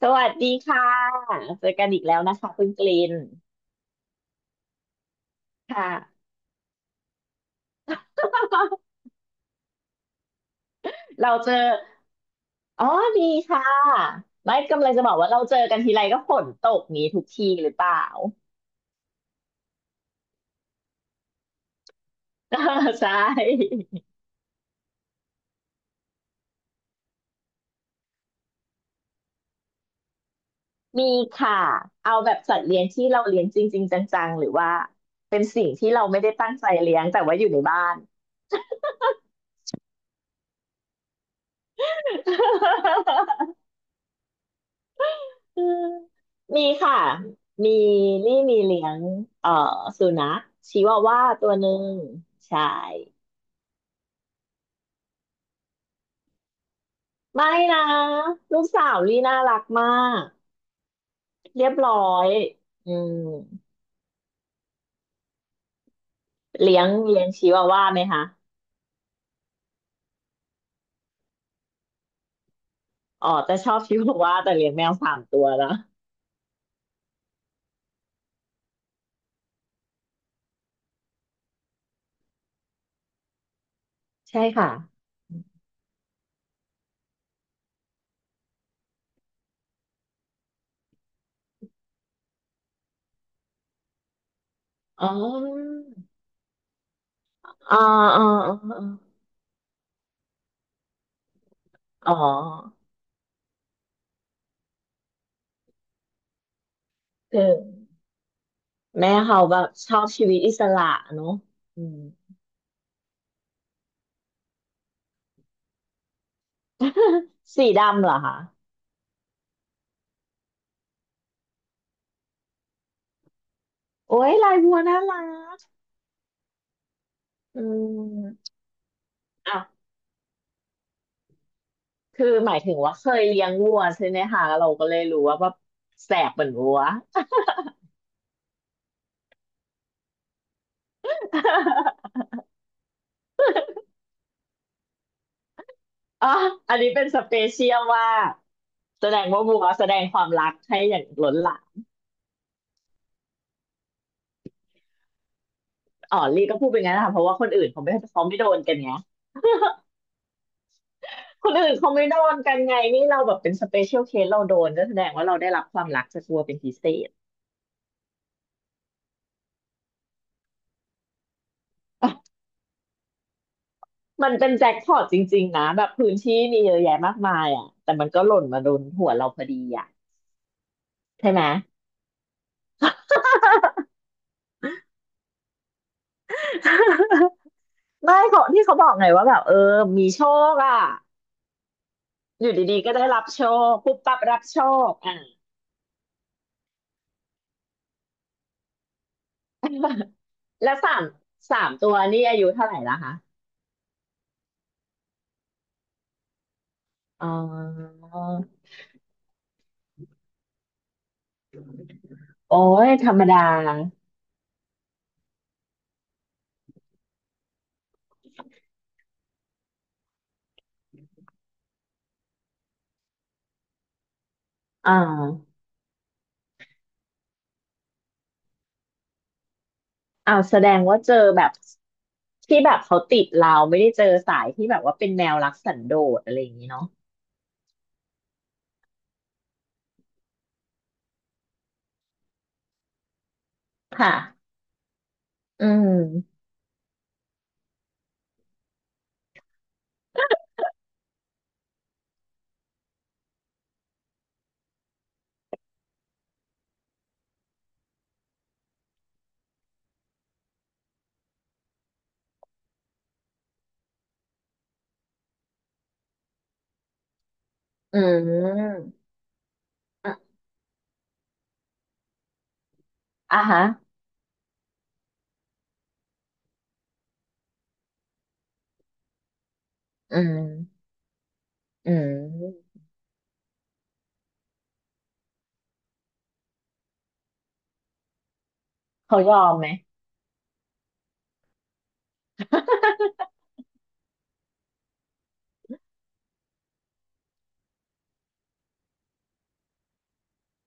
สวัสดีค่ะ เจอกันอีกแล้วนะคะคุณกลินค่ะ เราเจอ อ๋อดีค่ะไม่กำลังจะบอกว่าเราเจอกันทีไรก็ฝนตกนี้ทุกทีหรือเปล่า ใช่มีค่ะเอาแบบสัตว์เลี้ยงที่เราเลี้ยงจริงๆจังๆหรือว่าเป็นสิ่งที่เราไม่ได้ตั้งใจเลี้ยงแต่ว่าอยู่ในบ้าน อืมมีค่ะมีนี่มีเลี้ยงเอ่อสุนัขชิวาว่าตัวหนึ่งใช่ ไม่นะลูกสาวลี่น่ารักมากเรียบร้อยอืมเลี้ยงเลี้ยงชิวาว่าไหมคะอ๋อแต่ชอบชิวาว่าแต่เลี้ยงแมวสามตัวนะใช่ค่ะอ๋ออ๋ออ๋ออ๋ออ๋อคือแม่เขาแบบชอบชีวิตอิสระเนอะอืม สีดำเหรอคะโอ้ยลายบัวน่ารักอืมอ่ะ คือหมายถึงว่าเคยเลี้ยงวัวใช่ไหมคะเราก็เลยรู้ว่าแบบแสบเหมือนวัว อ๋ออันนี้เป็นสเปเชียลว่ากแสดงว่าบัวแสดงความรักให้อย่างล้นหลามอ๋อลี่ก็พูดเป็นงั้นนะคะเพราะว่าคนอื่นเขาไม่โดนกันไงคนอื่นเขาไม่โดนกันไงนี่เราแบบเป็นสเปเชียลเคสเราโดนก็แสดงว่าเราได้รับความรักจากบัวเป็นพิเศษมันเป็นแจ็คพอตจริงๆนะแบบพื้นที่มีเยอะแยะมากมายอ่ะแต่มันก็หล่นมาโดนหัวเราพอดีอ่ะใช่ไหม ไม่เขาที่เขาบอกไงว่าแบบเออมีโชคอ่ะอยู่ดีๆก็ได้รับโชคปุ๊บปั๊บรับโชคอ่ะ แล้วสามตัวนี่อายุเท่าไหร่ละคะอ๋อโอ้ยธรรมดาอ่าอ้าวแสดงว่าเจอแบบที่แบบเขาติดเราไม่ได้เจอสายที่แบบว่าเป็นแนวรักสันโดษอะไรอย่างนี้เนาะค่ะอืมอืมอ่ะอ่ะฮะอืมอืมเขายอมไหม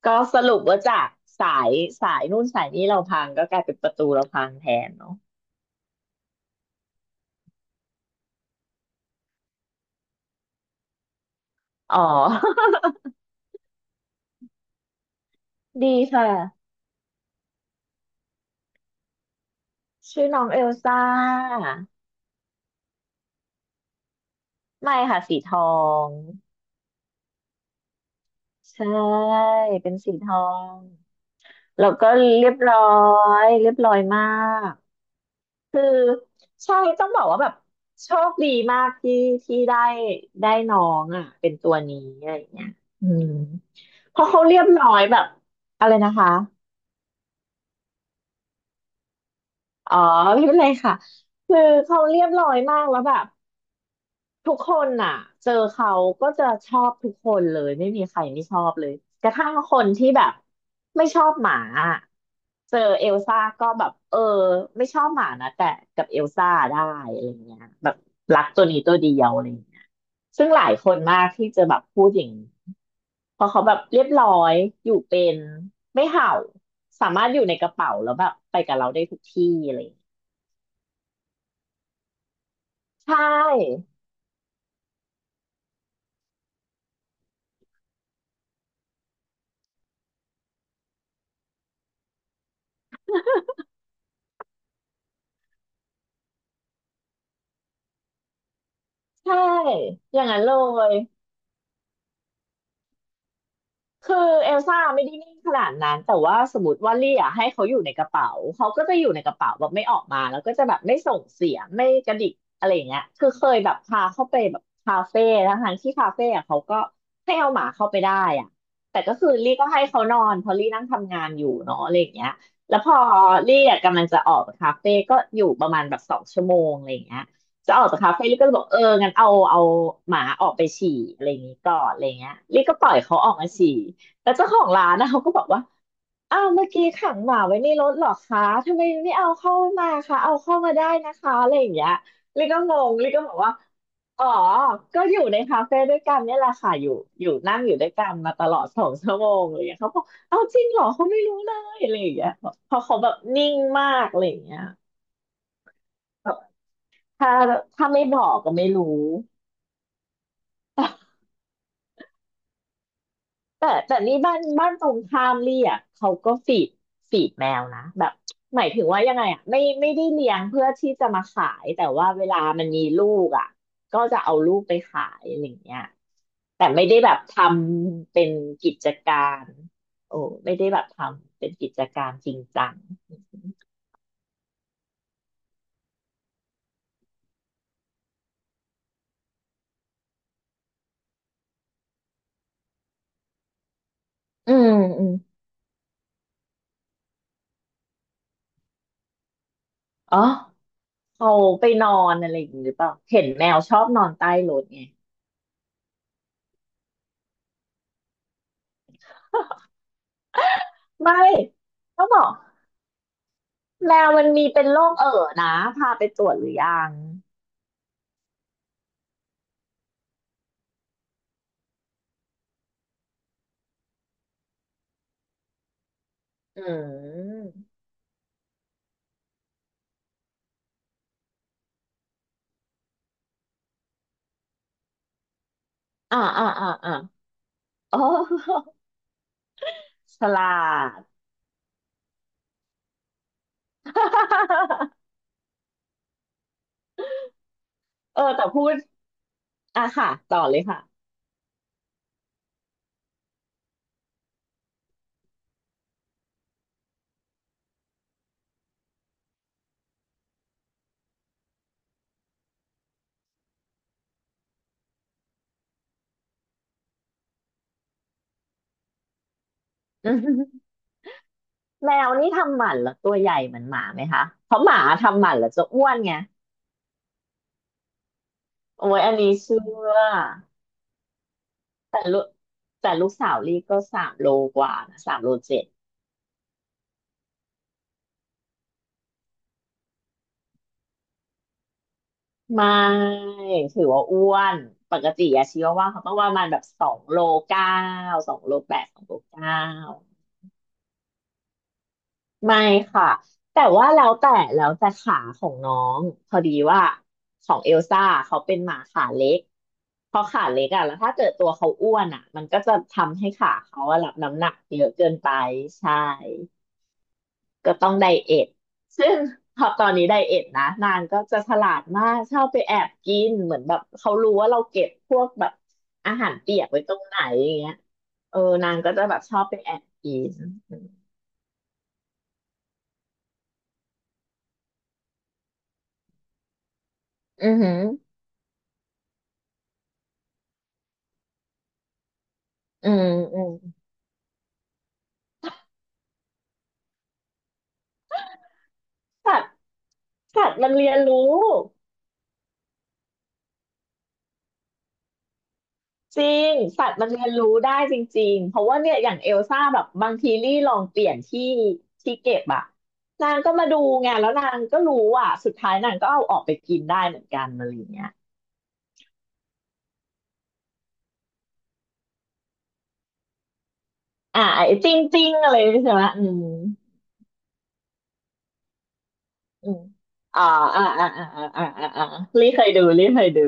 ก็สรุปว่าจากสายสายนู่นสายนี้เราพังก็กลายเป็นประตูเราพังแทนเนาะอ๋อ ดีค่ะชื่อน้องเอลซ่าไม่ค่ะสีทองใช่เป็นสีทองแล้วก็เรียบร้อยเรียบร้อยมากคือใช่ต้องบอกว่าแบบโชคดีมากที่ได้น้องอ่ะเป็นตัวนี้อะไรอย่างเงี้ยอืมเพราะเขาเรียบร้อยแบบอะไรนะคะ อ๋อไม่เป็นไรค่ะคือเขาเรียบร้อยมากแล้วแบบทุกคนน่ะเจอเขาก็จะชอบทุกคนเลยไม่มีใครไม่ชอบเลยกระทั่งคนที่แบบไม่ชอบหมาอะเจอเอลซ่าก็แบบเออไม่ชอบหมานะแต่กับเอลซ่าได้อะไรเงี้ยแบบรักตัวนี้ตัวเดียวอะไรเงี้ยซึ่งหลายคนมากที่จะแบบพูดอย่างนี้เพราะเขาแบบเรียบร้อยอยู่เป็นไม่เห่าสามารถอยู่ในกระเป๋าแล้วแบบไปกับเราได้ทุกที่อะไร ใช่ใช่อย่างนั้นเลยคือเอลซ่าไม่ได้นิ่งขนาดนั้นแต่ว่าสมมติว่าเรียกให้เขาอยู่ในกระเป๋าเขาก็จะอยู่ในกระเป๋าแบบไม่ออกมาแล้วก็จะแบบไม่ส่งเสียงไม่กระดิกอะไรอย่างเงี้ยคือเคยแบบพาเข้าไปแบบคาเฟ่ทั้งๆที่คาเฟ่อะเขาก็ให้เอาหมาเข้าไปได้อะแต่ก็คือลี่ก็ให้เขานอนเพราะลี่นั่งทำงานอยู่เนาะอะไรอย่างเงี้ยแล้วพอลี่อะกำลังจะออกจากคาเฟ่ก็อยู่ประมาณแบบสองชั่วโมงอะไรอย่างเงี้ย จะออกจากคาเฟ่ลิก็จะบอกเอองั้นเอาหมาออกไปฉี่อะไรอย่างนี้ก่อนอะไรเงี้ยลิก็ปล่อยเขาออกมาฉี่แล้วเจ้าของร้านนะเขาก็บอกว่าอ้าวเมื่อกี้ขังหมาไว้ในรถเหรอคะทำไมไม่เอาเข้ามาคะเอาเข้ามาได้นะคะอะไรอย่างเงี้ยลิก็งงลิก็บอกว่าอ๋อก็อยู่ในคาเฟ่ด้วยกันเนี่ยแหละค่ะอยู่นั่งอยู่ด้วยกันมาตลอดสองชั่วโมงอะไรอย่างเงี้ยเขาบอกเอาจริงเหรอเขาไม่รู้เลยอะไรอย่างเงี้ยเพราะเขาแบบนิ่งมากอะไรอย่างเงี้ยแบบถ้าถ้าไม่บอกก็ไม่รู้ แต่นี่บ้านตรงข้ามลี่อ่ะเขาก็ฟีดแมวนะแบบหมายถึงว่ายังไงอ่ะไม่ได้เลี้ยงเพื่อที่จะมาขายแต่ว่าเวลามันมีลูกอ่ะก็จะเอาลูกไปขายอะไรอย่างเงี้ยแต่ไม่ได้แบบทำเป็นกิจการโอ้ไม่ได้แบบทำเป็นกิจการจริงจังอืมอืมอ๋อเขาไปนอนอะไรอย่างงี้หรือเปล่าเห็นแมวชอบนอนใต้รถไงไม่เขาบอก แมวมันมีเป็นโรคนะพาไปตรวจหรือยัง อืม อ่าอ่าอ่าอ่าโอ้ ฉลาด เออแต่พูด อ่ะค่ะต่อเลยค่ะ อืมแมวนี่ทำหมันแล้วตัวใหญ่เหมือนหมาไหมคะ เพราะหมาทำหมันแล้วจะอ้วนไง โอ้ยอันนี้เชื่อแต่ลูกแต่ลูกสาวลี่ก็3 โลกว่านะ3.7 โล ไม่ถือว่าอ้วนปกติอะชีวาว่าเขาต้องประมาณแบบสองโลเก้า2.8 โลสองโลเก้าไม่ค่ะแต่ว่าแล้วแต่แล้วแต่ขาของน้องพอดีว่าของเอลซ่าเขาเป็นหมาขาเล็กพอขาเล็กอะแล้วถ้าเกิดตัวเขาอ้วนอะมันก็จะทำให้ขาเขาอะรับน้ำหนักเยอะเกินไปใช่ ก็ต้องไดเอทซึ่งพอตอนนี้ไดเอทนะนางก็จะฉลาดมากชอบไปแอบกินเหมือนแบบเขารู้ว่าเราเก็บพวกแบบอาหารเปียกไว้ตรงไหนอย่างเงี้ยเออนางก็จะแบบชอบไปแอบกินอือหืออืมอืมสัตว์สัตว์มันเรียนรู้จริงสัตว์มันเรียนรู้ได้จริงๆเพราะว่าเนี่ยอย่างเอลซ่าแบบบางทีลี่ลองเปลี่ยนที่ที่เก็บอะนางก็มาดูไงแล้วนางก็รู้อ่ะสุดท้ายนางก็เอาออกไปกินได้เหมือนกันอะไรอย่างเงี้ย อ่าไอ้จิ้งจิ้งอะไรใช่ไหมอืมอืมอ่าอ่าอ่าอ่าอ่าอ่าอ่าอ่าลี่เคยดูลี่เคยดู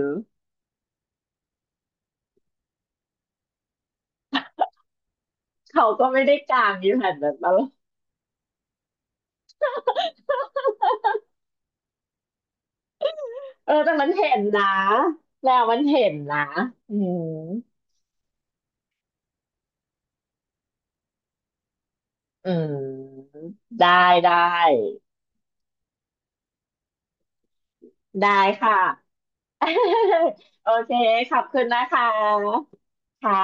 เขาก็ไม่ได้กางอยู่หันแบบนั้นเออแต่มันเห็นนะแล้วมันเห็นนะอืมอืมได้ได้ได้ค่ะ โอเคขอบคุณนะคะค่ะ